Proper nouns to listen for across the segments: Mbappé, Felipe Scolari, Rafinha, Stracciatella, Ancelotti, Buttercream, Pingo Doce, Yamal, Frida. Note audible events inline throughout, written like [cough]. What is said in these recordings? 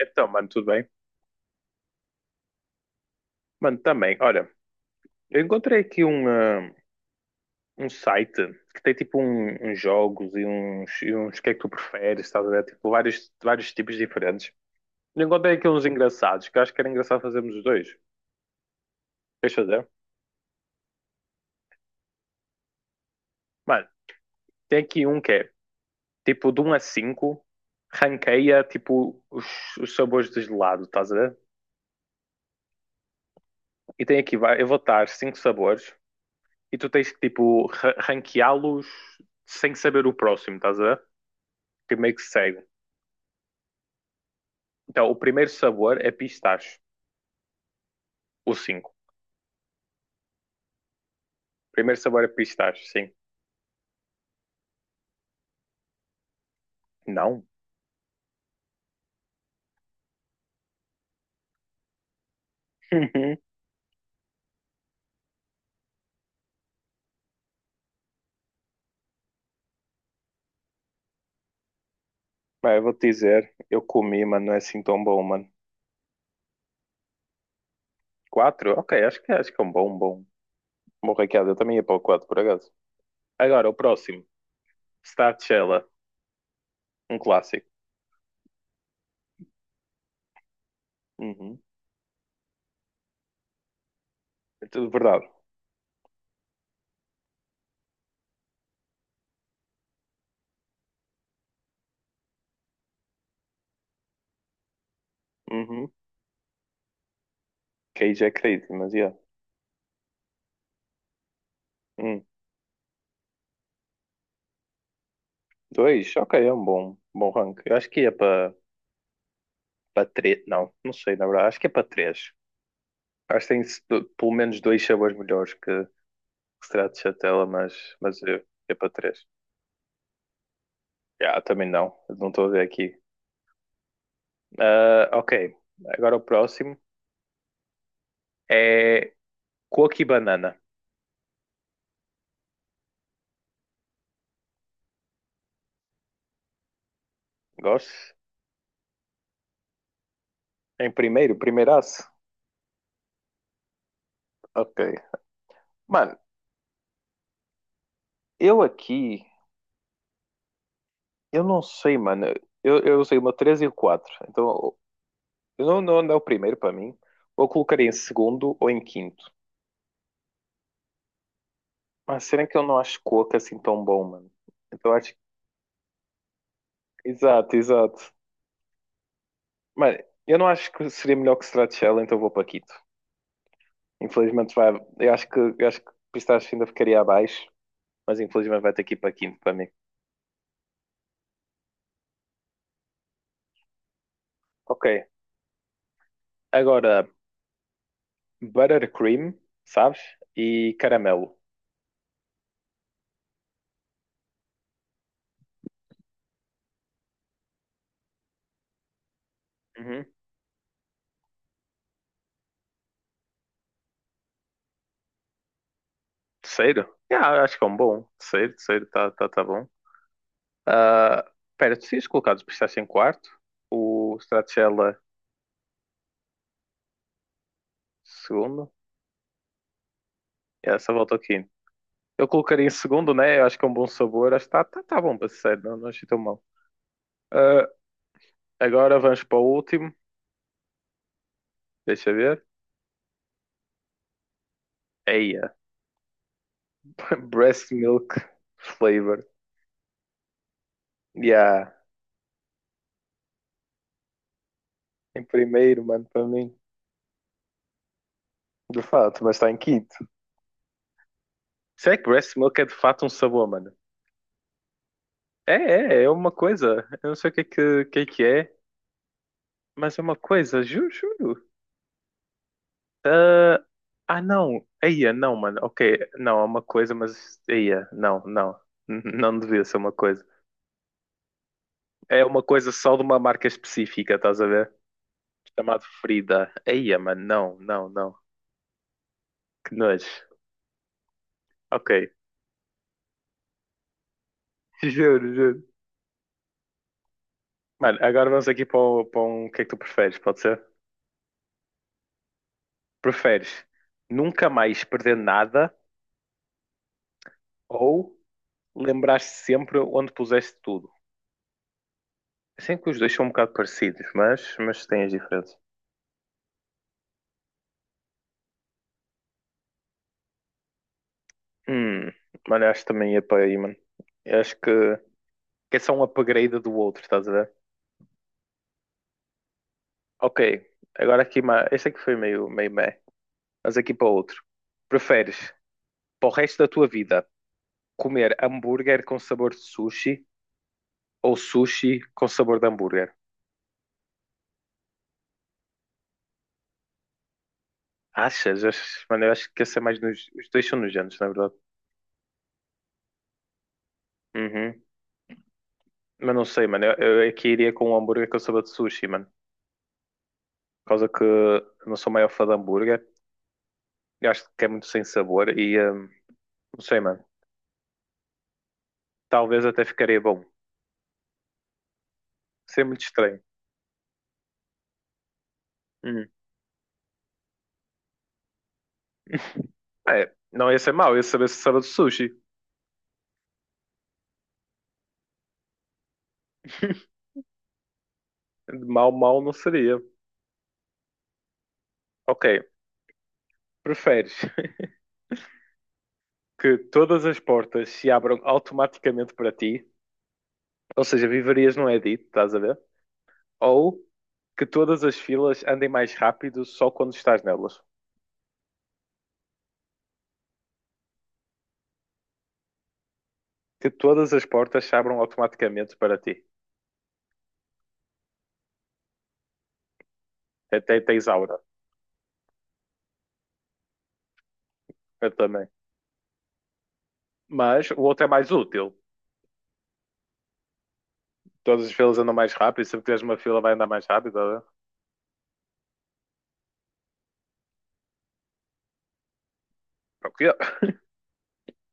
Então, mano, tudo bem? Mano, também. Olha, eu encontrei aqui um site que tem tipo uns jogos e uns que é que tu preferes, estás a ver? Tipo, vários, vários tipos diferentes. Eu encontrei aqui uns engraçados, que eu acho que era engraçado fazermos os dois. Queres fazer? Mano, tem aqui um que é tipo de um a 5 ranqueia tipo os sabores de gelado, estás a ver? E tem aqui, eu vou estar cinco sabores e tu tens que tipo ranqueá-los sem saber o próximo, estás a ver? Que meio que segue. Então, o primeiro sabor é pistache, o cinco. Primeiro sabor é pistache, sim. Não? Uhum. Pá, eu vou-te dizer, eu comi, mano, não é assim tão bom, mano. 4, ok, acho que é um bom, um bom. Bom, Ricardo, eu também ia para o 4, por acaso. Agora, o próximo. Stracciatella, um clássico. Uhum. É tudo verdade. Uhum. Queijo é crazy, mas yeah. Hum. Dois? Ok, é um bom, bom rank. Eu acho que ia para três. Não, não sei, na verdade. Acho que é para 3. Acho que tem pelo menos dois sabores melhores que Retratos de tela, mas é para três. Ah, também não. Não estou a ver aqui. Ah, ok. Agora o próximo é Coco e Banana. Gosto? Em primeiro, primeiraço. Ok. Mano, eu aqui, eu não sei, mano. Eu usei uma 3 e o quatro. Então, eu não, não é o primeiro para mim. Ou colocaria em segundo ou em quinto. Mas será que eu não acho Coco assim tão bom, mano? Então acho. Exato, exato. Mano, eu não acho que seria melhor que Stracciatella, então vou para quinto. Infelizmente vai. Eu acho que Pistache ainda ficaria abaixo, mas infelizmente vai ter que ir para quinto para mim. Ok. Agora, Buttercream, sabes? E Caramelo. Uhum. Terceiro? Yeah, acho que é um bom. Terceiro, terceiro, tá, tá, tá bom. Ah, espera, tu tinhas colocado o Pistache em quarto, o Stracciatella segundo, e essa volta ao quinto. Eu colocaria em segundo, né? Eu acho que é um bom sabor, acho que tá, tá, tá bom para ser sério, não, não achei tão mal. Ah, agora vamos para o último, deixa eu ver. Aí, [laughs] breast milk flavor. Yeah, em primeiro, mano, para mim. De fato, mas está em quinto. Será que breast milk é de fato um sabor, mano? É uma coisa. Eu não sei o que é que, mas é uma coisa, juro, juro. Ah, ah, não. Eia, não, mano. Ok, não, é uma coisa, mas. Eia, não, não. [laughs] Não devia ser uma coisa. É uma coisa só de uma marca específica, estás a ver? Chamado Frida. Eia, mano, não, não, não. Que nojo. Ok, [laughs] juro, juro. Mano, agora vamos aqui para um. O que é que tu preferes? Pode ser? Preferes nunca mais perder nada ou lembrar-te sempre onde puseste tudo? Sei que os dois são um bocado parecidos, mas têm as diferenças. Hum, mano, eu acho que também ia para aí, mano. Eu acho que é só um upgrade do outro, estás a ver? Ok, agora aqui. Este aqui foi meio meh. Mas aqui para outro. Preferes para o resto da tua vida comer hambúrguer com sabor de sushi ou sushi com sabor de hambúrguer? Achas? Achas? Mano, eu acho que esse é mais nos. Os dois são nojentos, na verdade. Uhum. Mas não sei, mano. Eu aqui iria com um hambúrguer que eu soube de sushi, mano. Por causa que eu não sou maior fã de hambúrguer. Eu acho que é muito sem sabor e, não sei, mano. Talvez até ficaria bom. Seria muito estranho. Hum. É, não ia ser mau. Ia saber se sabe de sushi. [laughs] Mal, mal não seria. Ok. Preferes [laughs] que todas as portas se abram automaticamente para ti? Ou seja, viverias num Edit, estás a ver? Ou que todas as filas andem mais rápido só quando estás nelas. Que todas as portas se abram automaticamente para ti. Até tens aura. Eu também. Mas o outro é mais útil. Todas as filas andam mais rápido. Se tiveres uma fila, vai andar mais rápido, né? Para o quê?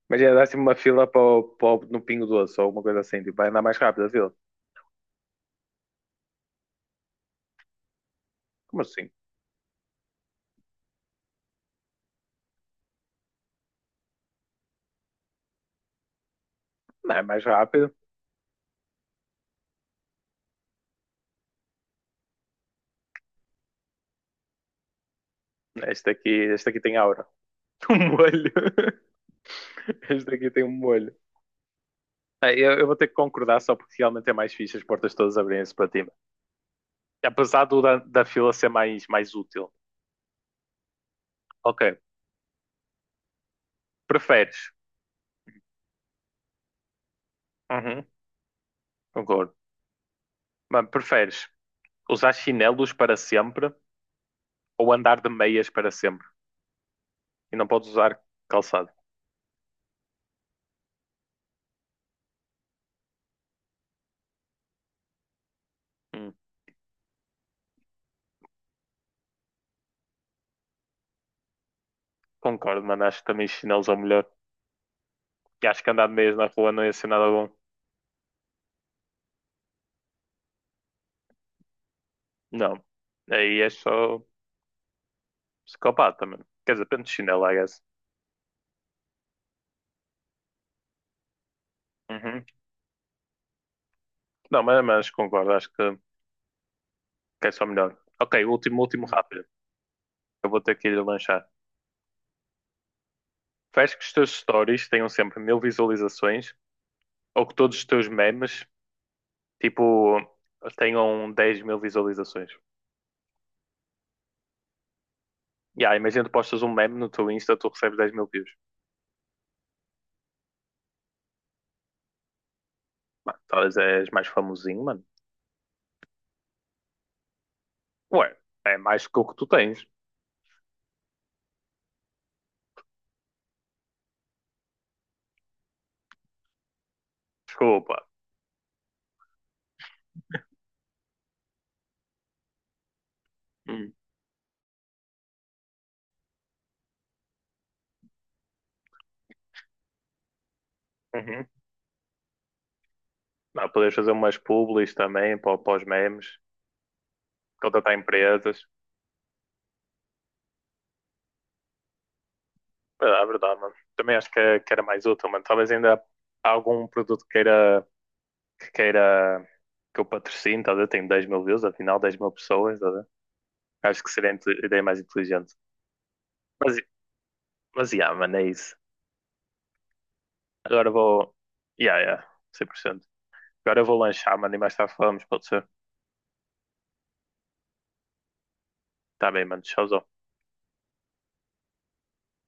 Imagina, dá-se uma fila no Pingo Doce ou uma coisa assim. Tipo, vai andar mais rápido a fila. Como assim? Não é mais rápido. Este aqui tem aura. [laughs] Um molho. Este aqui tem um molho. Ah, eu vou ter que concordar só porque realmente é mais fixe as portas todas abrirem-se para ti, apesar da fila ser mais útil. Ok. Preferes? Uhum, concordo. Mas preferes usar chinelos para sempre ou andar de meias para sempre? E não podes usar calçado. Hum, concordo, mano. Acho que também chinelos é o melhor. E acho que andar de meias na rua não ia ser nada bom. Não. Aí é só psicopata, mano. Quer dizer, tanto chinelo, I guess. Uhum. Não, mas concordo. Acho que é só melhor. Ok, último, último rápido. Eu vou ter que ir lanchar. Faz que os teus stories tenham sempre 1.000 visualizações, ou que todos os teus memes, tipo, tenham 10.000 visualizações. Yeah, imagina tu postas um meme no teu Insta, tu recebes 10.000 views. Mano, talvez és mais famosinho, mano. Ué, é mais que o que tu tens. Desculpa. Hum. Uhum. Não, podes fazer umas publis também para os memes, contratar empresas. É verdade, mano. Também acho que era mais útil, mano. Talvez ainda há algum produto que queira, que eu patrocine, tá a ver? Tenho 10 mil views, afinal, 10.000 pessoas, tá a ver? Acho que seria a ideia mais inteligente. Mas, mas, yeah, mano, é isso. Agora vou. Yeah, yeah, 100%. Agora eu vou lanchar, mano, e mais tarde falamos, pode ser? Tá bem, mano, tchauzão.